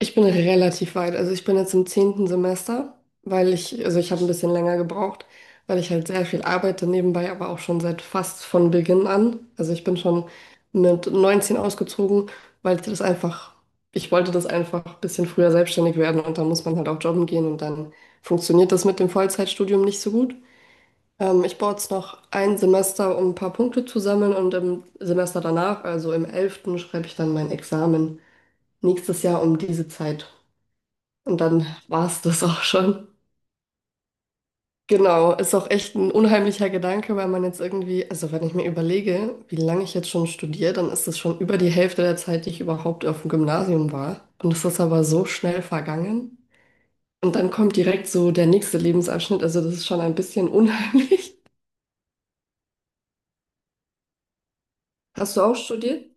Ich bin relativ weit. Also ich bin jetzt im zehnten Semester, weil ich, also ich habe ein bisschen länger gebraucht, weil ich halt sehr viel arbeite nebenbei, aber auch schon seit fast von Beginn an. Also ich bin schon mit 19 ausgezogen, weil ich das einfach, ich wollte das einfach ein bisschen früher selbstständig werden und dann muss man halt auch jobben gehen und dann funktioniert das mit dem Vollzeitstudium nicht so gut. Ich brauche jetzt noch ein Semester, um ein paar Punkte zu sammeln und im Semester danach, also im elften, schreibe ich dann mein Examen nächstes Jahr um diese Zeit. Und dann war es das auch schon. Genau, ist auch echt ein unheimlicher Gedanke, weil man jetzt irgendwie, also wenn ich mir überlege, wie lange ich jetzt schon studiere, dann ist das schon über die Hälfte der Zeit, die ich überhaupt auf dem Gymnasium war. Und es ist aber so schnell vergangen. Und dann kommt direkt so der nächste Lebensabschnitt, also das ist schon ein bisschen unheimlich. Hast du auch studiert?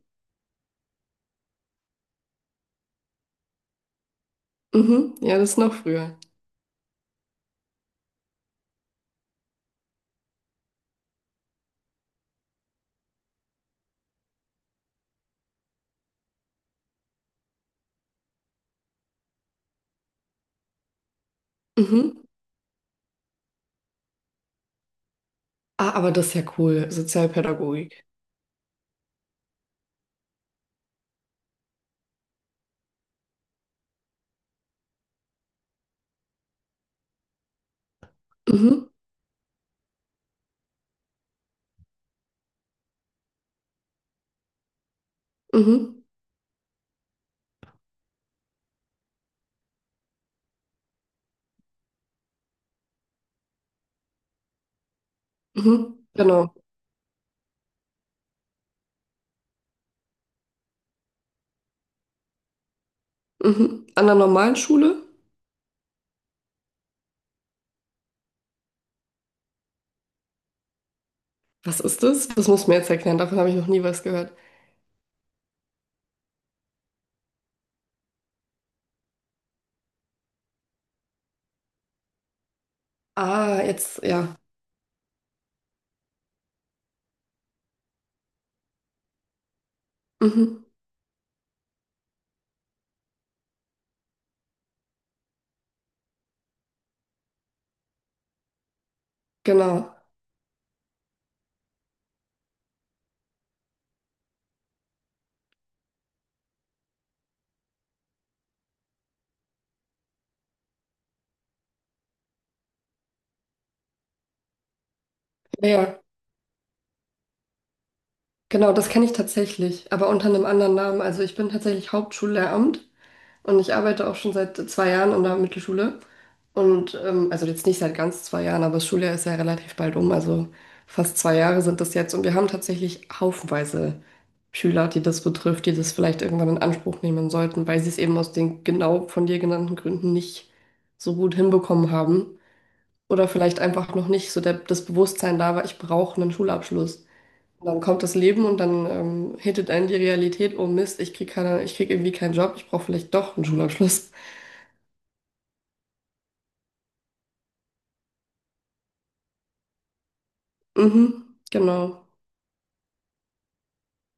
Mhm, ja, das ist noch früher. Mhm. Ah, aber das ist ja cool, Sozialpädagogik. Mhm, mhm, mhm, genau. Mhm. An der normalen Schule? Was ist das? Das muss mir jetzt erklären, davon habe ich noch nie was gehört. Ah, jetzt, ja. Mhm, genau. Ja, ja. Genau, das kenne ich tatsächlich, aber unter einem anderen Namen. Also ich bin tatsächlich Hauptschullehramt. Und ich arbeite auch schon seit zwei Jahren in der Mittelschule. Und also jetzt nicht seit ganz zwei Jahren, aber das Schuljahr ist ja relativ bald um. Also fast zwei Jahre sind das jetzt. Und wir haben tatsächlich haufenweise Schüler, die das betrifft, die das vielleicht irgendwann in Anspruch nehmen sollten, weil sie es eben aus den genau von dir genannten Gründen nicht so gut hinbekommen haben. Oder vielleicht einfach noch nicht so der, das Bewusstsein da war, ich brauche einen Schulabschluss. Und dann kommt das Leben und dann hittet einen die Realität, oh Mist, ich krieg keine, ich krieg irgendwie keinen Job, ich brauche vielleicht doch einen Schulabschluss. Mhm, genau.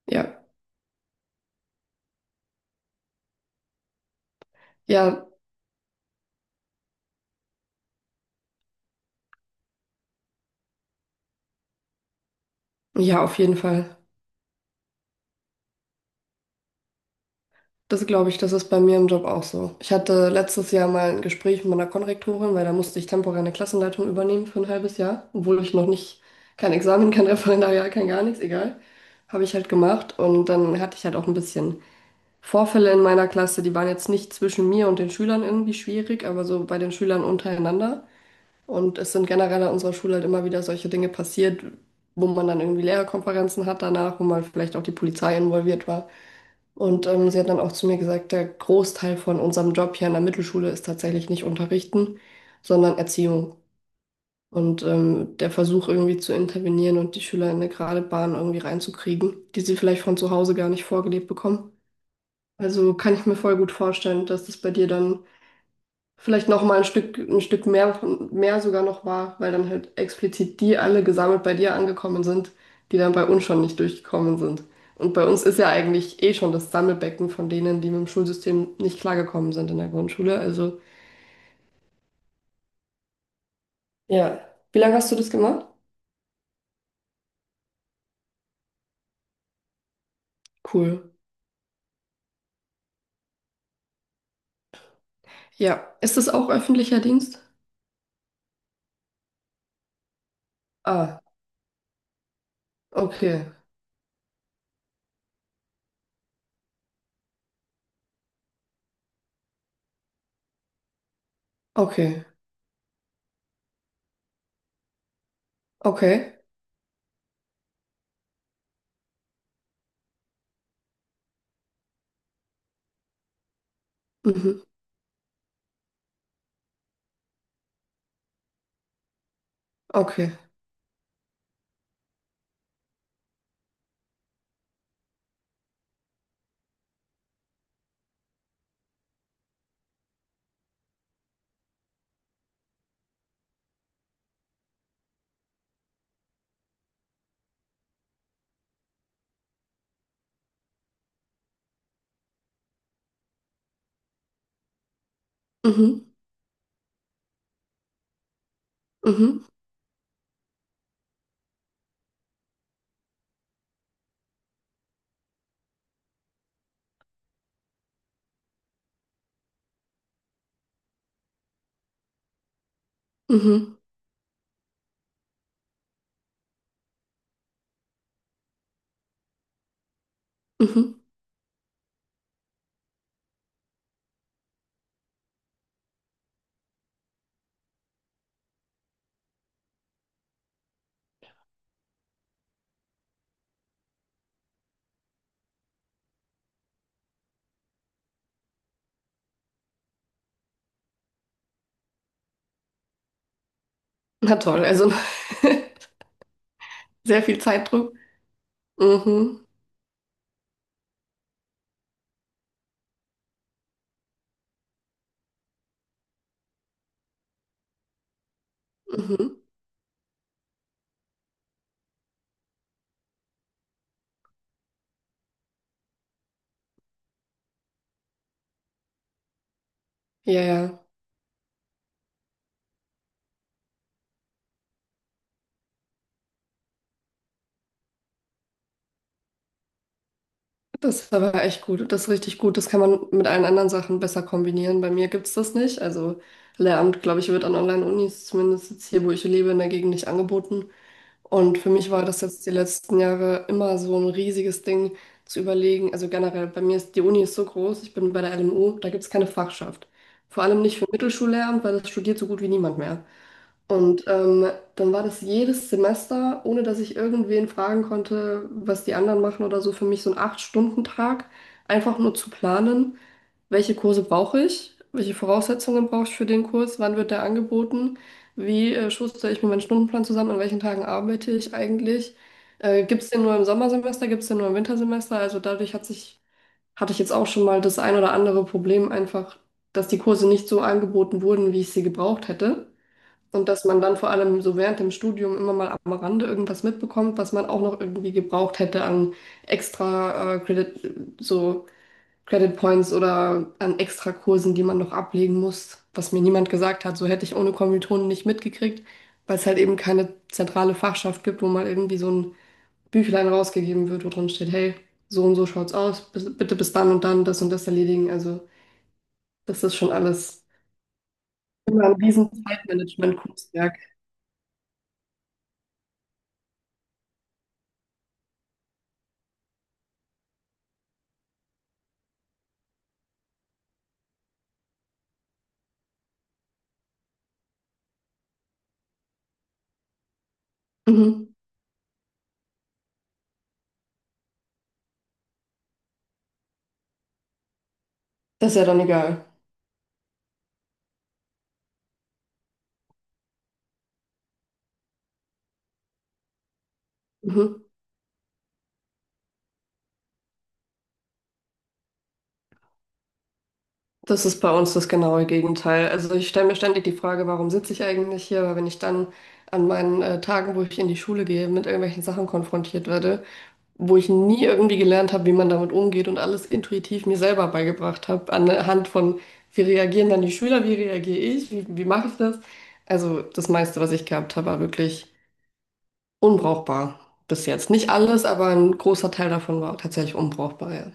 Ja, ja, ja, auf jeden Fall. Das glaube ich, das ist bei mir im Job auch so. Ich hatte letztes Jahr mal ein Gespräch mit meiner Konrektorin, weil da musste ich temporär eine Klassenleitung übernehmen für ein halbes Jahr, obwohl ich noch nicht, kein Examen, kein Referendariat, kein gar nichts, egal. Habe ich halt gemacht und dann hatte ich halt auch ein bisschen Vorfälle in meiner Klasse, die waren jetzt nicht zwischen mir und den Schülern irgendwie schwierig, aber so bei den Schülern untereinander. Und es sind generell an unserer Schule halt immer wieder solche Dinge passiert, wo man dann irgendwie Lehrerkonferenzen hat danach, wo man vielleicht auch die Polizei involviert war. Und sie hat dann auch zu mir gesagt, der Großteil von unserem Job hier an der Mittelschule ist tatsächlich nicht unterrichten, sondern Erziehung. Und der Versuch irgendwie zu intervenieren und die Schüler in eine gerade Bahn irgendwie reinzukriegen, die sie vielleicht von zu Hause gar nicht vorgelebt bekommen. Also kann ich mir voll gut vorstellen, dass das bei dir dann vielleicht noch mal ein Stück mehr, von- mehr sogar noch war, weil dann halt explizit die alle gesammelt bei dir angekommen sind, die dann bei uns schon nicht durchgekommen sind. Und bei uns ist ja eigentlich eh schon das Sammelbecken von denen, die mit dem Schulsystem nicht klargekommen sind in der Grundschule. Also ja. Wie lange hast du das gemacht? Cool. Ja, ist das auch öffentlicher Dienst? Ah, okay, okay, okay, mhm, okay, mhm, mhm, mhm, mhm. Na toll, also sehr viel Zeitdruck. Mhm. Mhm. Ja, ja. Das war aber echt gut. Das ist richtig gut. Das kann man mit allen anderen Sachen besser kombinieren. Bei mir gibt's das nicht. Also Lehramt, glaube ich, wird an Online-Unis, zumindest jetzt hier, wo ich lebe, in der Gegend nicht angeboten. Und für mich war das jetzt die letzten Jahre immer so ein riesiges Ding zu überlegen. Also generell, bei mir ist die Uni ist so groß, ich bin bei der LMU, da gibt's keine Fachschaft. Vor allem nicht für Mittelschullehramt, weil das studiert so gut wie niemand mehr. Und dann war das jedes Semester, ohne dass ich irgendwen fragen konnte, was die anderen machen oder so, für mich so ein Acht-Stunden-Tag, einfach nur zu planen, welche Kurse brauche ich, welche Voraussetzungen brauche ich für den Kurs, wann wird der angeboten, wie schustere ich mir meinen Stundenplan zusammen, an welchen Tagen arbeite ich eigentlich, gibt es den nur im Sommersemester, gibt es den nur im Wintersemester, also dadurch hat sich, hatte ich jetzt auch schon mal das ein oder andere Problem einfach, dass die Kurse nicht so angeboten wurden, wie ich sie gebraucht hätte. Und dass man dann vor allem so während dem Studium immer mal am Rande irgendwas mitbekommt, was man auch noch irgendwie gebraucht hätte an extra Credit, so Credit Points oder an extra Kursen, die man noch ablegen muss, was mir niemand gesagt hat. So hätte ich ohne Kommilitonen nicht mitgekriegt, weil es halt eben keine zentrale Fachschaft gibt, wo mal irgendwie so ein Büchlein rausgegeben wird, wo drin steht, hey, so und so schaut's aus, bis- bitte bis dann und dann das und das erledigen. Also das ist schon alles immer ein riesen Zeitmanagement-Kunstwerk. Mhm. Das ist ja dann egal. Mhm. Das ist bei uns das genaue Gegenteil. Also ich stelle mir ständig die Frage, warum sitze ich eigentlich hier? Weil wenn ich dann an meinen Tagen, wo ich in die Schule gehe, mit irgendwelchen Sachen konfrontiert werde, wo ich nie irgendwie gelernt habe, wie man damit umgeht und alles intuitiv mir selber beigebracht habe, anhand von, wie reagieren dann die Schüler, wie reagiere ich, wie, wie mache ich das? Also das meiste, was ich gehabt habe, war wirklich unbrauchbar bis jetzt. Nicht alles, aber ein großer Teil davon war tatsächlich unbrauchbar, ja.